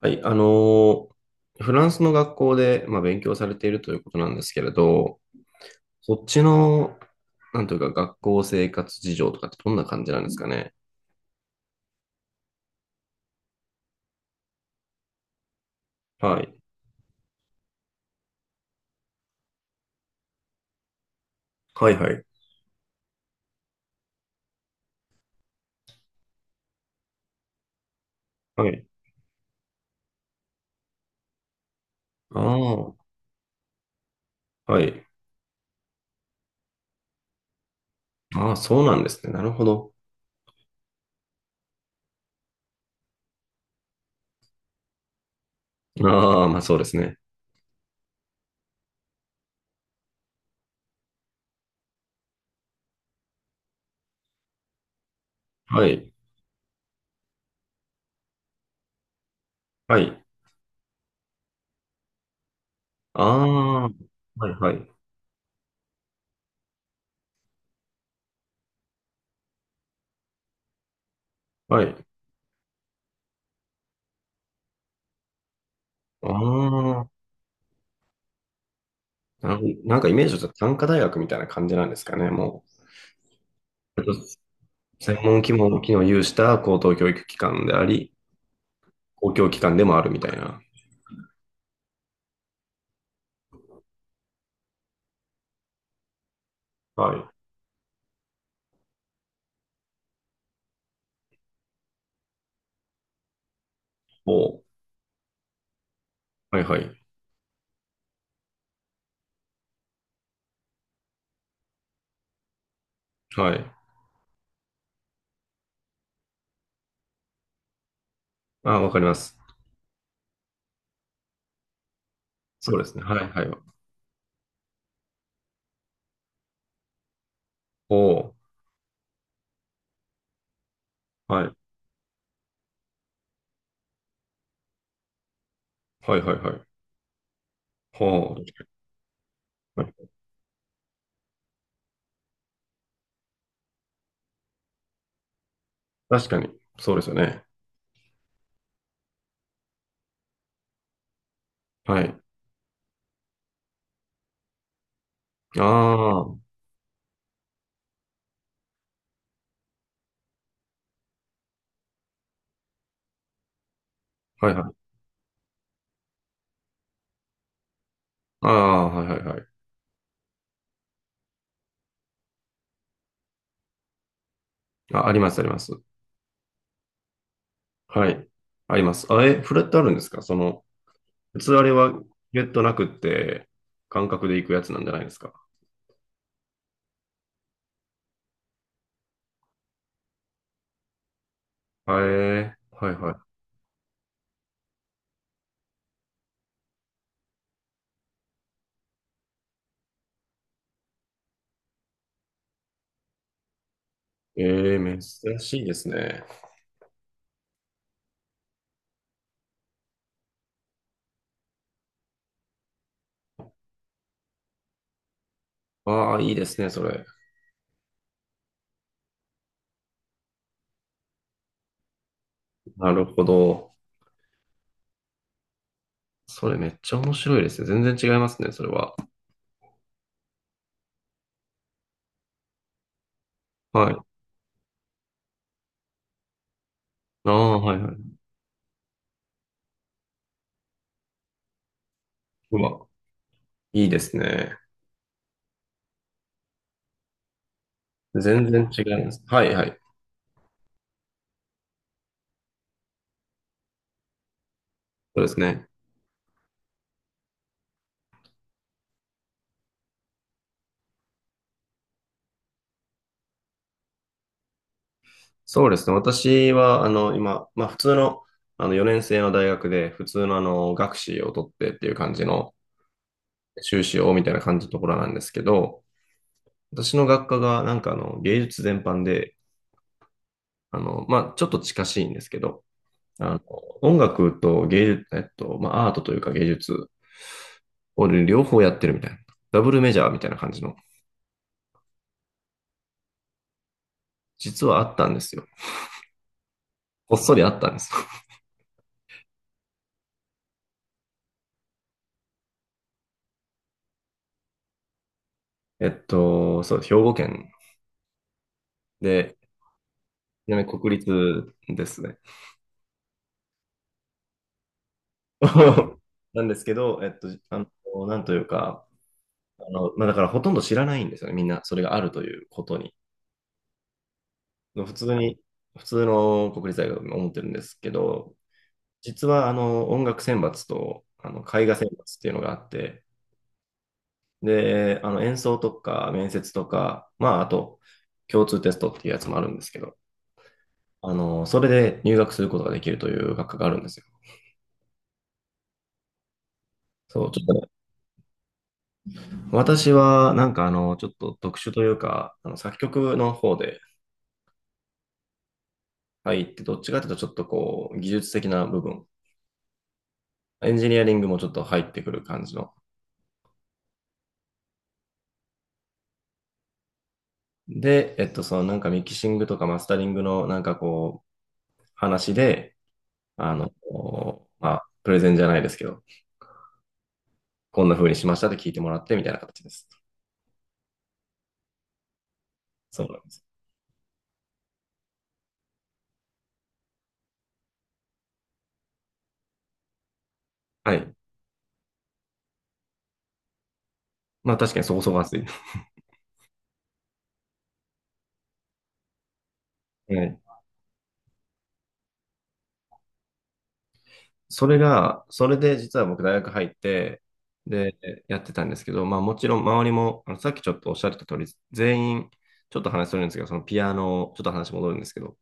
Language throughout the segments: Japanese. はい、ーフランスの学校で、まあ、勉強されているということなんですけれど、そっちの、なんというか、学校生活事情とかってどんな感じなんですかね。はい。はいはい。はい。ああ、はい。ああ、そうなんですね。なるほど。ああ、まあそうですね。はい。はい。ああ、はいはい。はい。ああ、なるほど。なんかイメージとしては短科大学みたいな感じなんですかね。もう、専門機能機能を有した高等教育機関であり、公共機関でもあるみたいな。はい。おうはいはい。はい。あ、わかります。そうですね。はいはい。おうはい。はいはいはい。ほう。はい確かに。そうですよね。はい。ああ、はいはい。ああ、はいはいはい。あ、ありますあります。はい。あります。あえ、フレットあるんですかその、普通あれはゲットなくって、感覚で行くやつなんじゃないですか。はい。ええ。はいはい。ええ、珍しいですね。ああ、いいですね、それ。なるほど。それめっちゃ面白いですね。全然違いますね、それは。はい。ああ、はいはい。うわ、いいですね。全然違います。はいはい。そうですね。そうですね。私は、今、まあ普通の、あの4年生の大学で、普通のあの、学士を取ってっていう感じの、修士をみたいな感じのところなんですけど、私の学科があの、芸術全般で、あの、まあちょっと近しいんですけど、あの、音楽と芸術、まあアートというか芸術俺両方やってるみたいな。ダブルメジャーみたいな感じの。実はあったんですよ。こっそりあったんです。そう、兵庫県で、ちなみに国立ですね。なんですけど、あの、なんというか、あの、まあ、だからほとんど知らないんですよね。みんな、それがあるということに。普通に、普通の国立大学も思ってるんですけど、実はあの、音楽選抜と、あの、絵画選抜っていうのがあって、で、あの演奏とか面接とか、まあ、あと共通テストっていうやつもあるんですけど、あの、それで入学することができるという学科があるんですよ。そう、ちょっとね、私はあの、ちょっと特殊というか、あの作曲の方で入って、どっちかというとちょっとこう、技術的な部分、エンジニアリングもちょっと入ってくる感じの。で、そのなんかミキシングとかマスタリングのなんかこう、話で、あの、まあ、プレゼンじゃないですけど、こんな風にしましたって聞いてもらってみたいな形です。そうなんです。はい。まあ確かにそこそこ暑い。はい。それが、それで実は僕大学入って、で、やってたんですけど、まあもちろん周りも、あのさっきちょっとおっしゃってた通り、全員、ちょっと話するんですけど、そのピアノ、ちょっと話戻るんですけど、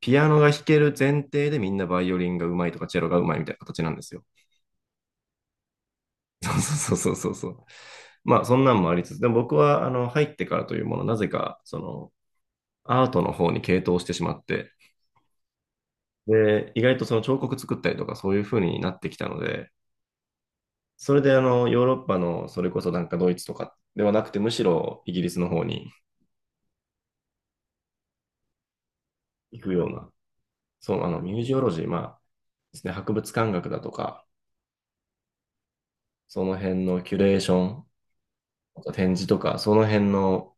ピアノが弾ける前提でみんなバイオリンがうまいとかチェロがうまいみたいな形なんですよ。そうそう。まあそんなんもありつつ、でも僕はあの入ってからというもの、なぜかそのアートの方に傾倒してしまって、で、意外とその彫刻作ったりとかそういう風になってきたので、それであのヨーロッパのそれこそなんかドイツとかではなくて、むしろイギリスの方に行くような、そう、あのミュージオロジー、まあですね、博物館学だとか、その辺のキュレーション、あと展示とか、その辺の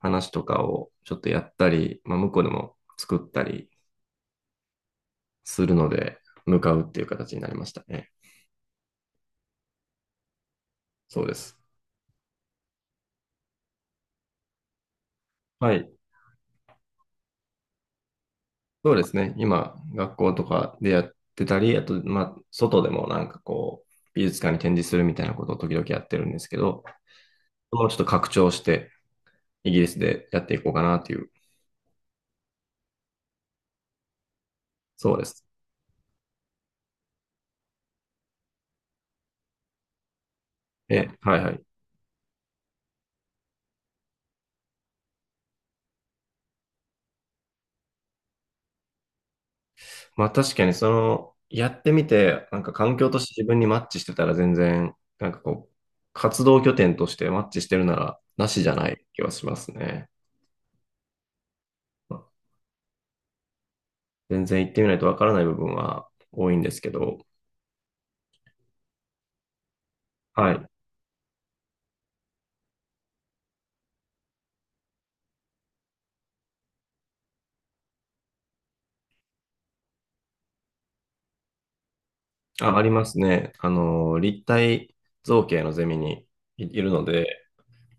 話とかをちょっとやったり、まあ、向こうでも作ったりするので、向かうっていう形になりましたね。そうです。はい。そうですね。今、学校とかでやってたり、あと、まあ、外でもこう、美術館に展示するみたいなことを時々やってるんですけど、もうちょっと拡張して、イギリスでやっていこうかなという、そうです。え、はいはい。まあ確かにその、やってみて、なんか環境として自分にマッチしてたら全然、なんかこう、活動拠点としてマッチしてるなら、なしじゃない気はしますね。全然行ってみないとわからない部分は多いんですけど、はい。あ、ありますね。あの、立体造形のゼミにいるので、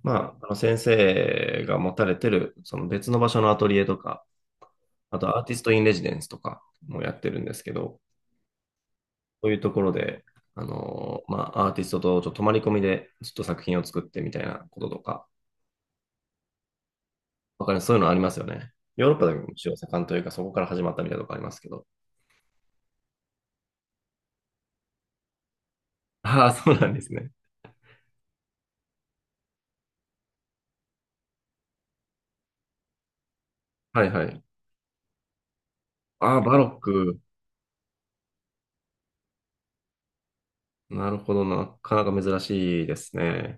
まあ、あの先生が持たれてる、その別の場所のアトリエとか、あとアーティストインレジデンスとかもやってるんですけど、そういうところで、あの、まあ、アーティストとちょっと泊まり込みでちょっと作品を作ってみたいなこととか、わかりますそういうのありますよね。ヨーロッパでも一応盛んというか、そこから始まったみたいなとこありますけど。ああ、そうなんですね。はいはい。ああ、バロック。なるほどな。なかなか珍しいですね。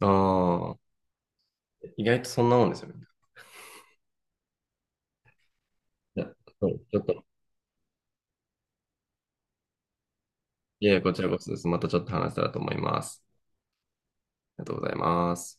ああ、意外とそんなもんですよね。いやそうちょっと、いえ、こちらこそです。またちょっと話せたらと思います。ありがとうございます。